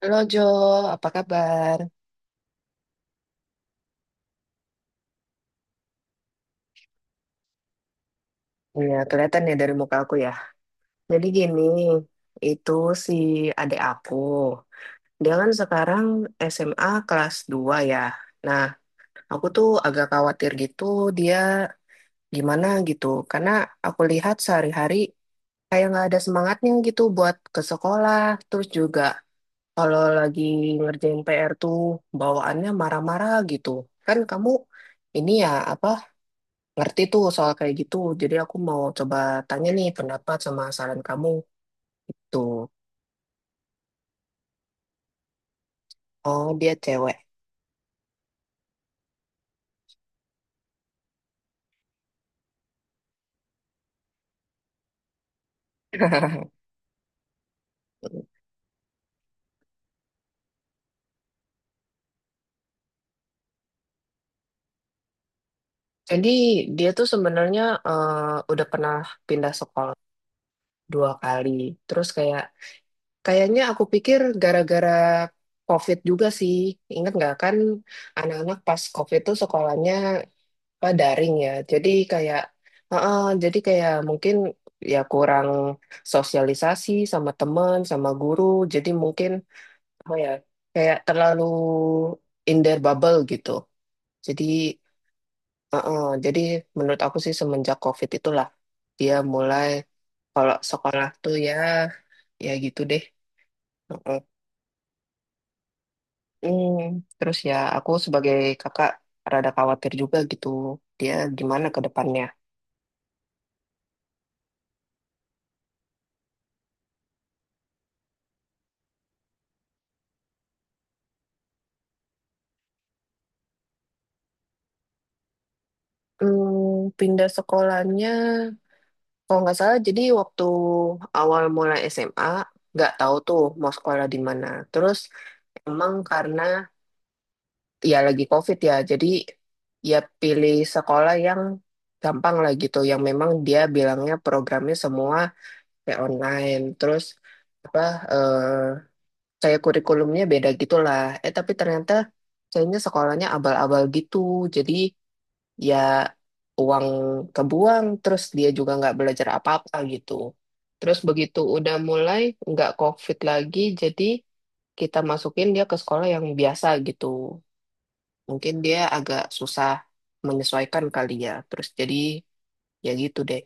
Halo Jo, apa kabar? Iya, kelihatan ya dari muka aku ya. Jadi gini, itu si adik aku. Dia kan sekarang SMA kelas 2 ya. Nah, aku tuh agak khawatir gitu dia gimana gitu. Karena aku lihat sehari-hari kayak nggak ada semangatnya gitu buat ke sekolah. Terus juga kalau lagi ngerjain PR tuh bawaannya marah-marah gitu. Kan kamu ini ya apa ngerti tuh soal kayak gitu. Jadi aku mau coba tanya nih pendapat sama saran kamu. Itu. Oh, dia cewek. Jadi dia tuh sebenarnya eh, udah pernah pindah sekolah dua kali. Terus kayak kayaknya aku pikir gara-gara COVID juga sih. Ingat nggak kan anak-anak pas COVID tuh sekolahnya apa, daring ya. Jadi kayak heeh, jadi kayak mungkin ya kurang sosialisasi sama teman, sama guru. Jadi mungkin apa ya kayak terlalu in their bubble gitu jadi jadi menurut aku sih semenjak COVID itulah dia mulai kalau sekolah tuh ya ya gitu deh. Uh, uh. Hmm, terus ya aku sebagai kakak rada khawatir juga gitu dia gimana ke depannya. Hmm, pindah sekolahnya kalau nggak salah jadi waktu awal mulai SMA nggak tahu tuh mau sekolah di mana terus emang karena ya lagi COVID ya, jadi ya pilih sekolah yang gampang lah gitu, yang memang dia bilangnya programnya semua kayak online, terus apa eh, kayak kurikulumnya beda gitulah. Eh tapi ternyata kayaknya sekolahnya abal-abal gitu, jadi ya uang kebuang, terus dia juga nggak belajar apa-apa gitu. Terus begitu udah mulai nggak COVID lagi, jadi kita masukin dia ke sekolah yang biasa gitu. Mungkin dia agak susah menyesuaikan kali ya. Terus jadi ya gitu deh.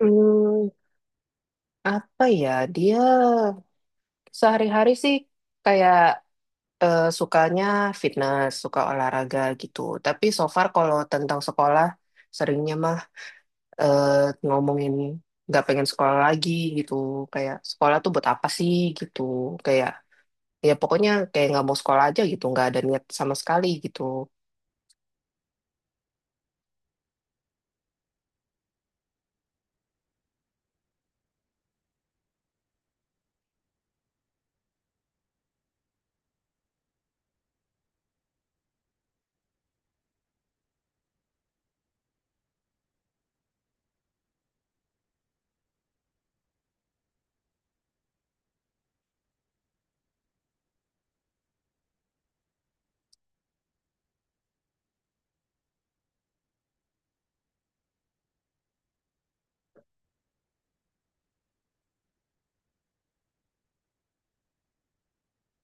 Hmm, apa ya? Dia sehari-hari sih kayak sukanya fitness, suka olahraga gitu. Tapi so far kalau tentang sekolah, seringnya mah eh, ngomongin nggak pengen sekolah lagi gitu. Kayak sekolah tuh buat apa sih gitu. Kayak ya pokoknya kayak nggak mau sekolah aja gitu. Nggak ada niat sama sekali gitu.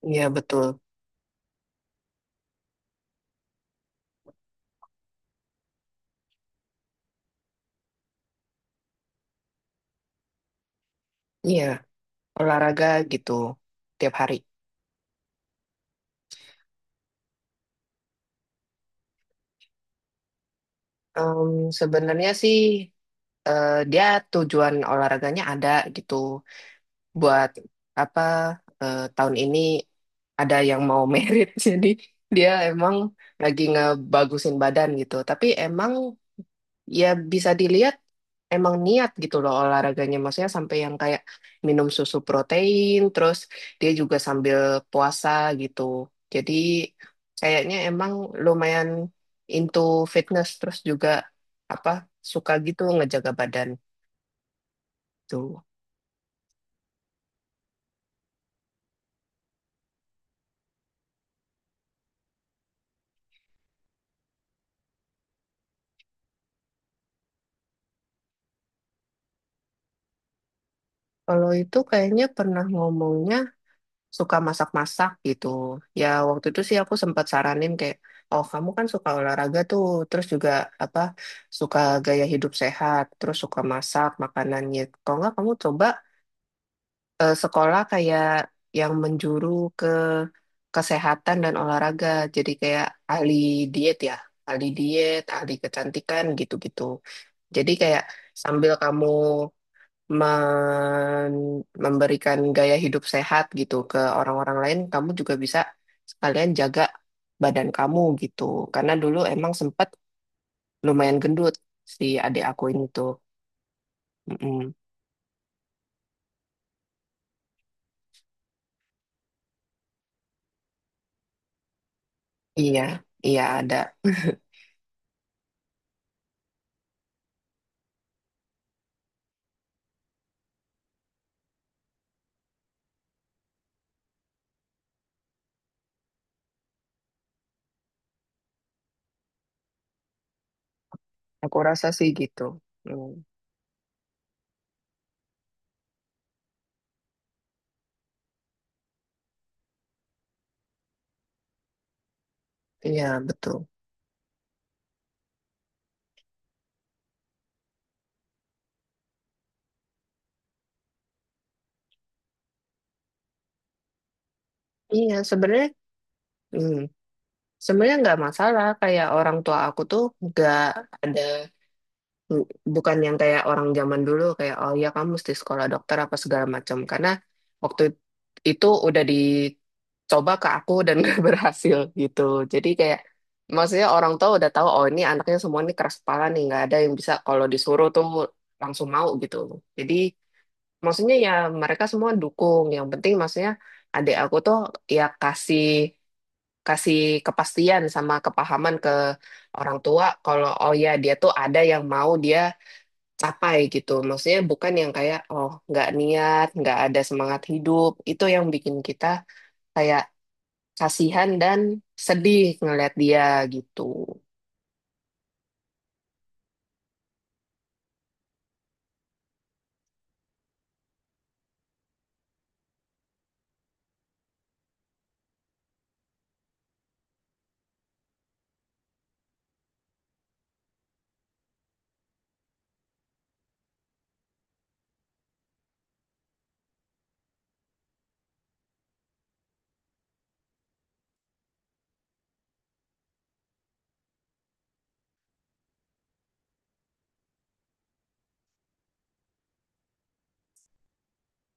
Iya betul. Iya. Olahraga gitu tiap hari. Em, sebenarnya sih dia tujuan olahraganya ada gitu buat apa tahun ini ada yang mau merit jadi dia emang lagi ngebagusin badan gitu. Tapi emang ya bisa dilihat emang niat gitu loh olahraganya. Maksudnya sampai yang kayak minum susu protein, terus dia juga sambil puasa gitu. Jadi kayaknya emang lumayan into fitness, terus juga apa suka gitu ngejaga badan tuh. Kalau itu kayaknya pernah ngomongnya suka masak-masak gitu. Ya waktu itu sih aku sempat saranin kayak, oh kamu kan suka olahraga tuh, terus juga apa suka gaya hidup sehat, terus suka masak makanannya. Kalau nggak kamu coba sekolah kayak yang menjuru ke kesehatan dan olahraga, jadi kayak ahli diet ya, ahli diet, ahli kecantikan gitu-gitu. Jadi kayak sambil kamu memberikan gaya hidup sehat gitu ke orang-orang lain, kamu juga bisa sekalian jaga badan kamu gitu. Karena dulu emang sempat lumayan gendut si adik aku ini tuh. Mm-mm. Iya, iya ada. Aku rasa sih gitu. Mm. Iya, betul. Iya, sebenarnya mm, sebenarnya nggak masalah. Kayak orang tua aku tuh nggak ada Bu- bukan yang kayak orang zaman dulu kayak oh ya kamu mesti sekolah dokter apa segala macam karena waktu itu udah dicoba ke aku dan gak berhasil gitu jadi kayak maksudnya orang tua udah tahu oh ini anaknya semua ini keras kepala nih nggak ada yang bisa kalau disuruh tuh langsung mau gitu jadi maksudnya ya mereka semua dukung yang penting maksudnya adik aku tuh ya kasih kasih kepastian sama kepahaman ke orang tua kalau oh ya dia tuh ada yang mau dia capai gitu. Maksudnya bukan yang kayak oh nggak niat, nggak ada semangat hidup. Itu yang bikin kita kayak kasihan dan sedih ngeliat dia gitu.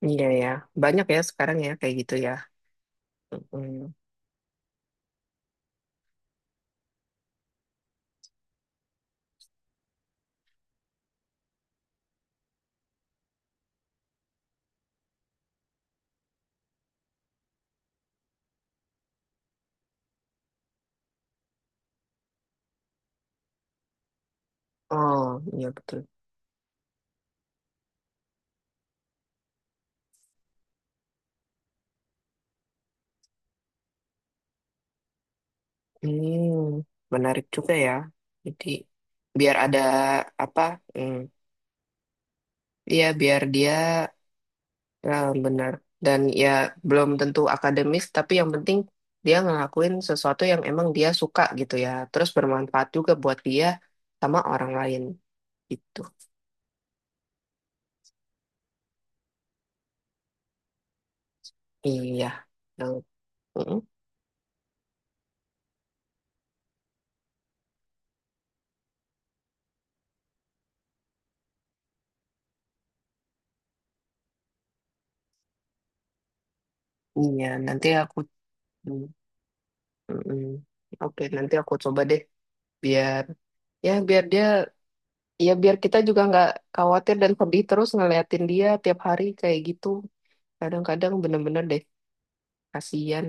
Iya ya, banyak ya sekarang ya kayak gitu ya. Mm-mm. Oh iya betul. Hmm, menarik juga ya. Jadi biar ada apa? Hmm, iya biar dia ya, benar. Dan ya belum tentu akademis, tapi yang penting dia ngelakuin sesuatu yang emang dia suka gitu ya. Terus bermanfaat juga buat dia sama orang lain gitu. Iya. Yang- mm-mm. Iya, nanti aku mm, mm-mm. Oke, nanti aku coba deh biar ya biar dia ya biar kita juga nggak khawatir dan pedih terus ngeliatin dia tiap hari kayak gitu. Kadang-kadang bener-bener deh kasihan.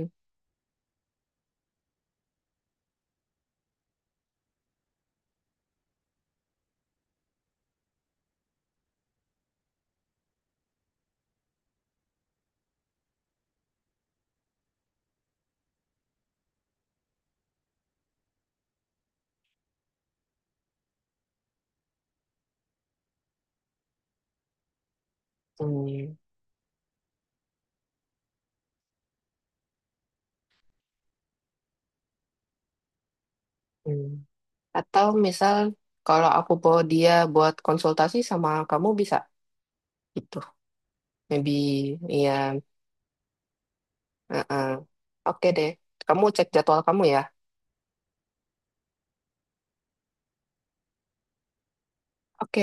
Hmm. Hmm. Atau misal kalau aku bawa dia buat konsultasi sama kamu bisa gitu. Maybe iya. Heeh. Oke deh. Kamu cek jadwal kamu ya. Oke.